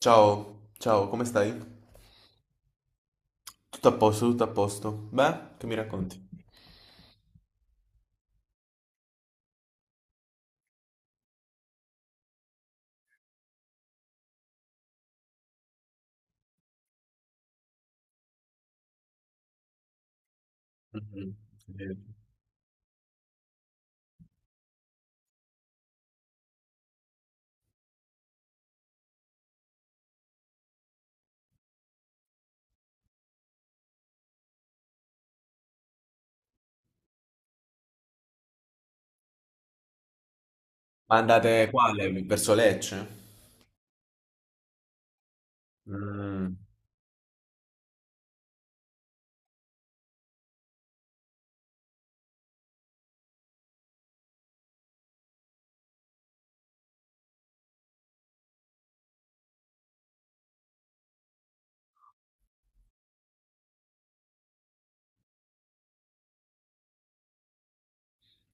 Ciao, ciao, come stai? Tutto a posto, tutto a posto. Beh, che mi racconti? Mhm. Eh, Ma andate quale? Verso Lecce? Mm,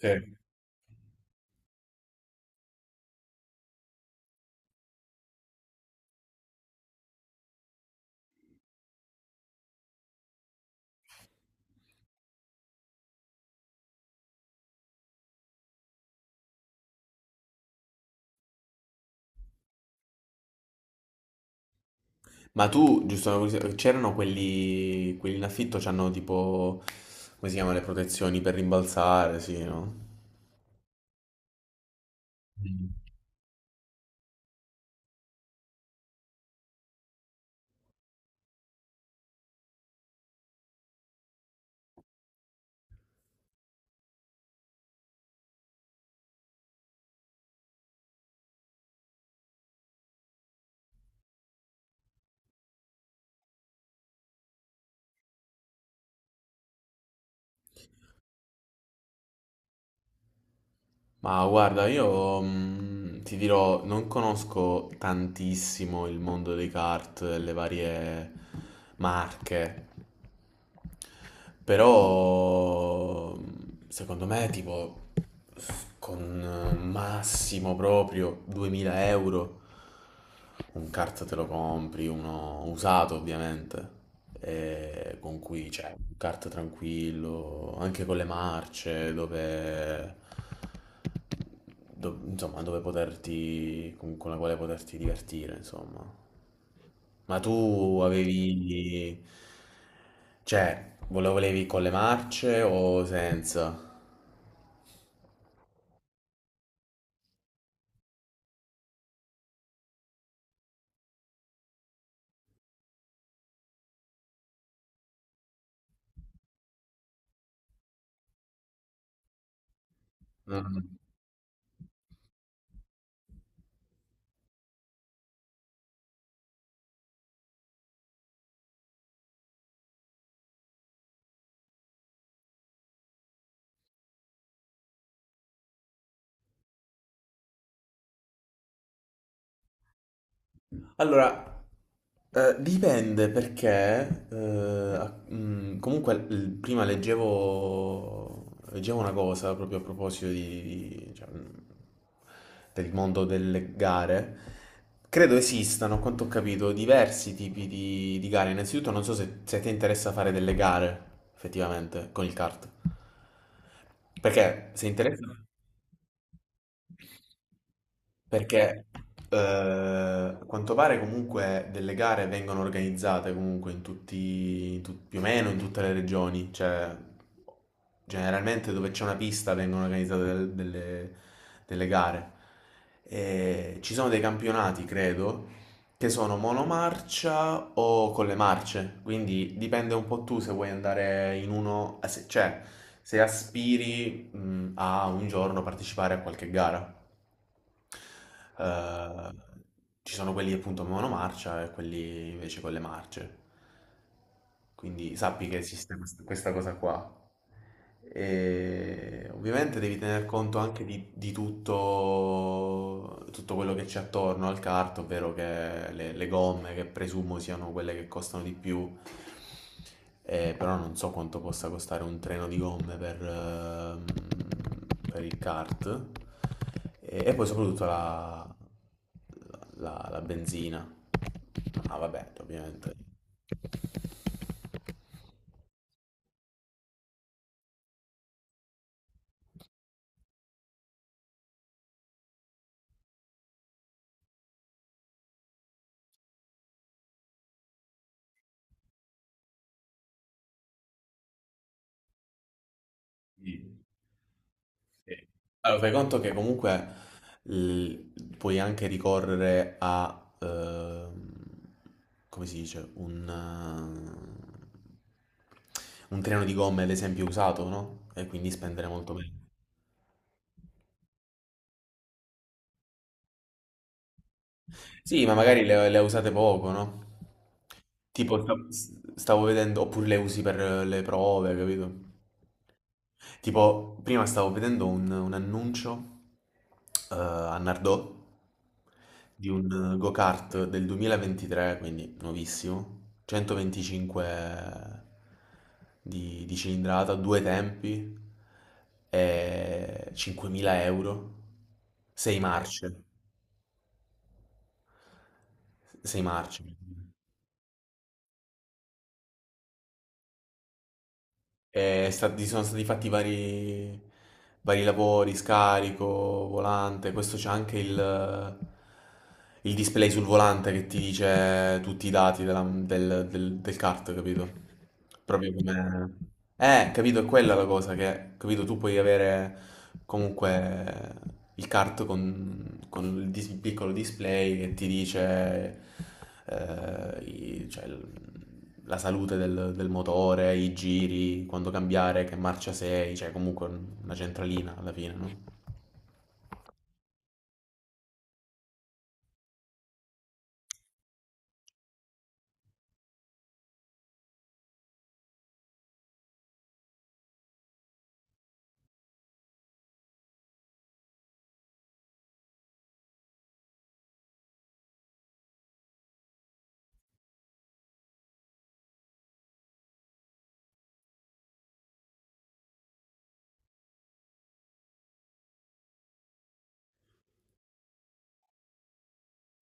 sì. Ma tu, giusto, c'erano quelli, in affitto, c'hanno tipo, come si chiamano le protezioni per rimbalzare, sì, no? Ma guarda, io ti dirò, non conosco tantissimo il mondo dei kart, le varie marche, però secondo me tipo con massimo proprio 2000 euro un kart te lo compri, uno usato ovviamente, e con cui c'è un kart tranquillo, anche con le marce, dove, insomma, dove poterti, con la quale poterti divertire, insomma. Ma tu avevi... Cioè, lo volevi con le marce o senza? Mm. Allora, dipende perché... comunque, prima leggevo una cosa proprio a proposito cioè, del mondo delle gare. Credo esistano, a quanto ho capito, diversi tipi di gare. Innanzitutto, non so se, se ti interessa fare delle gare, effettivamente, con il kart. Perché se interessa perché a quanto pare comunque delle gare vengono organizzate comunque in tutti, in tut- più o meno in tutte le regioni, cioè generalmente dove c'è una pista vengono organizzate delle, delle gare. E ci sono dei campionati, credo, che sono monomarcia o con le marce, quindi dipende un po' tu se vuoi andare in uno, cioè se aspiri, a un giorno partecipare a qualche gara. Eh, Ci sono quelli appunto monomarcia e quelli invece con le marce. Quindi sappi che esiste questa cosa qua. E ovviamente devi tener conto anche di tutto, tutto quello che c'è attorno al kart, ovvero che le gomme, che presumo siano quelle che costano di più, però non so quanto possa costare un treno di gomme per il kart. E poi soprattutto la benzina. Ah, vabbè, ovviamente. Sì. Sì. Allora, fai conto che comunque l- puoi anche ricorrere a, come si dice, un treno di gomme, ad esempio, usato, no? E quindi spendere molto meno. Sì, ma magari le usate poco, no? Tipo, stavo vedendo, oppure le usi per le prove, capito? Tipo, prima stavo vedendo un annuncio a Nardò di un go-kart del 2023, quindi nuovissimo, 125 di cilindrata, due tempi, e 5.000 euro, 6 marce, 6 marce. Sono stati fatti vari, vari lavori, scarico, volante. Questo c'è anche il display sul volante che ti dice tutti i dati del kart, capito? Proprio come... capito, è quella la cosa che, capito, tu puoi avere comunque il kart con il piccolo display che ti dice cioè, la salute del motore, i giri, quando cambiare, che marcia sei, cioè comunque una centralina alla fine, no?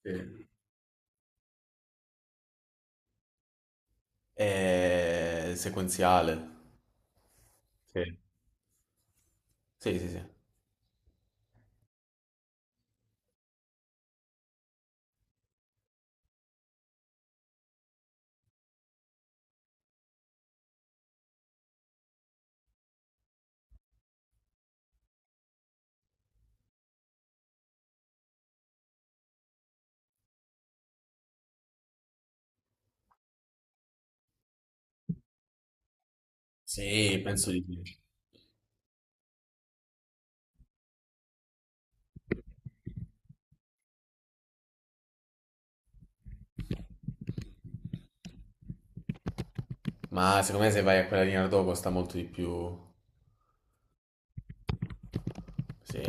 Sì. E sequenziale. Sì, sì, sì. Sì, penso di sì. Ma secondo me se vai a quella linea dopo costa molto di più. Sì.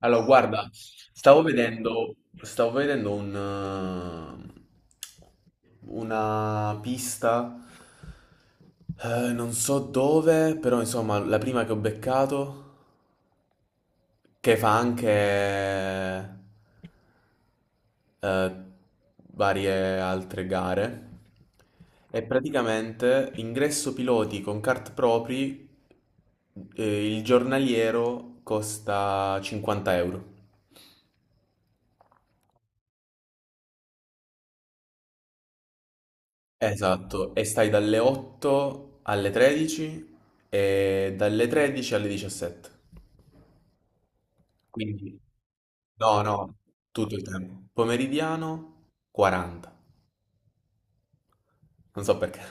Allora, guarda, stavo vedendo una pista, non so dove, però insomma la prima che ho beccato che fa anche eh, varie altre gare. E praticamente ingresso piloti con kart propri, il giornaliero costa 50 euro. Esatto, e stai dalle 8 alle 13 e dalle 13 alle 17. Quindi, no, no, tutto il tempo. Pomeridiano 40, non so perché.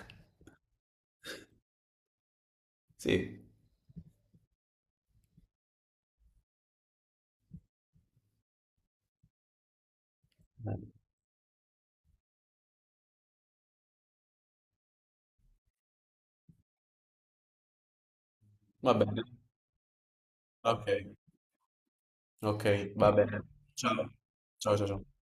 Sì, vabbè. Okay, okay, va bene. Ciao. Ciao, ciao, ciao.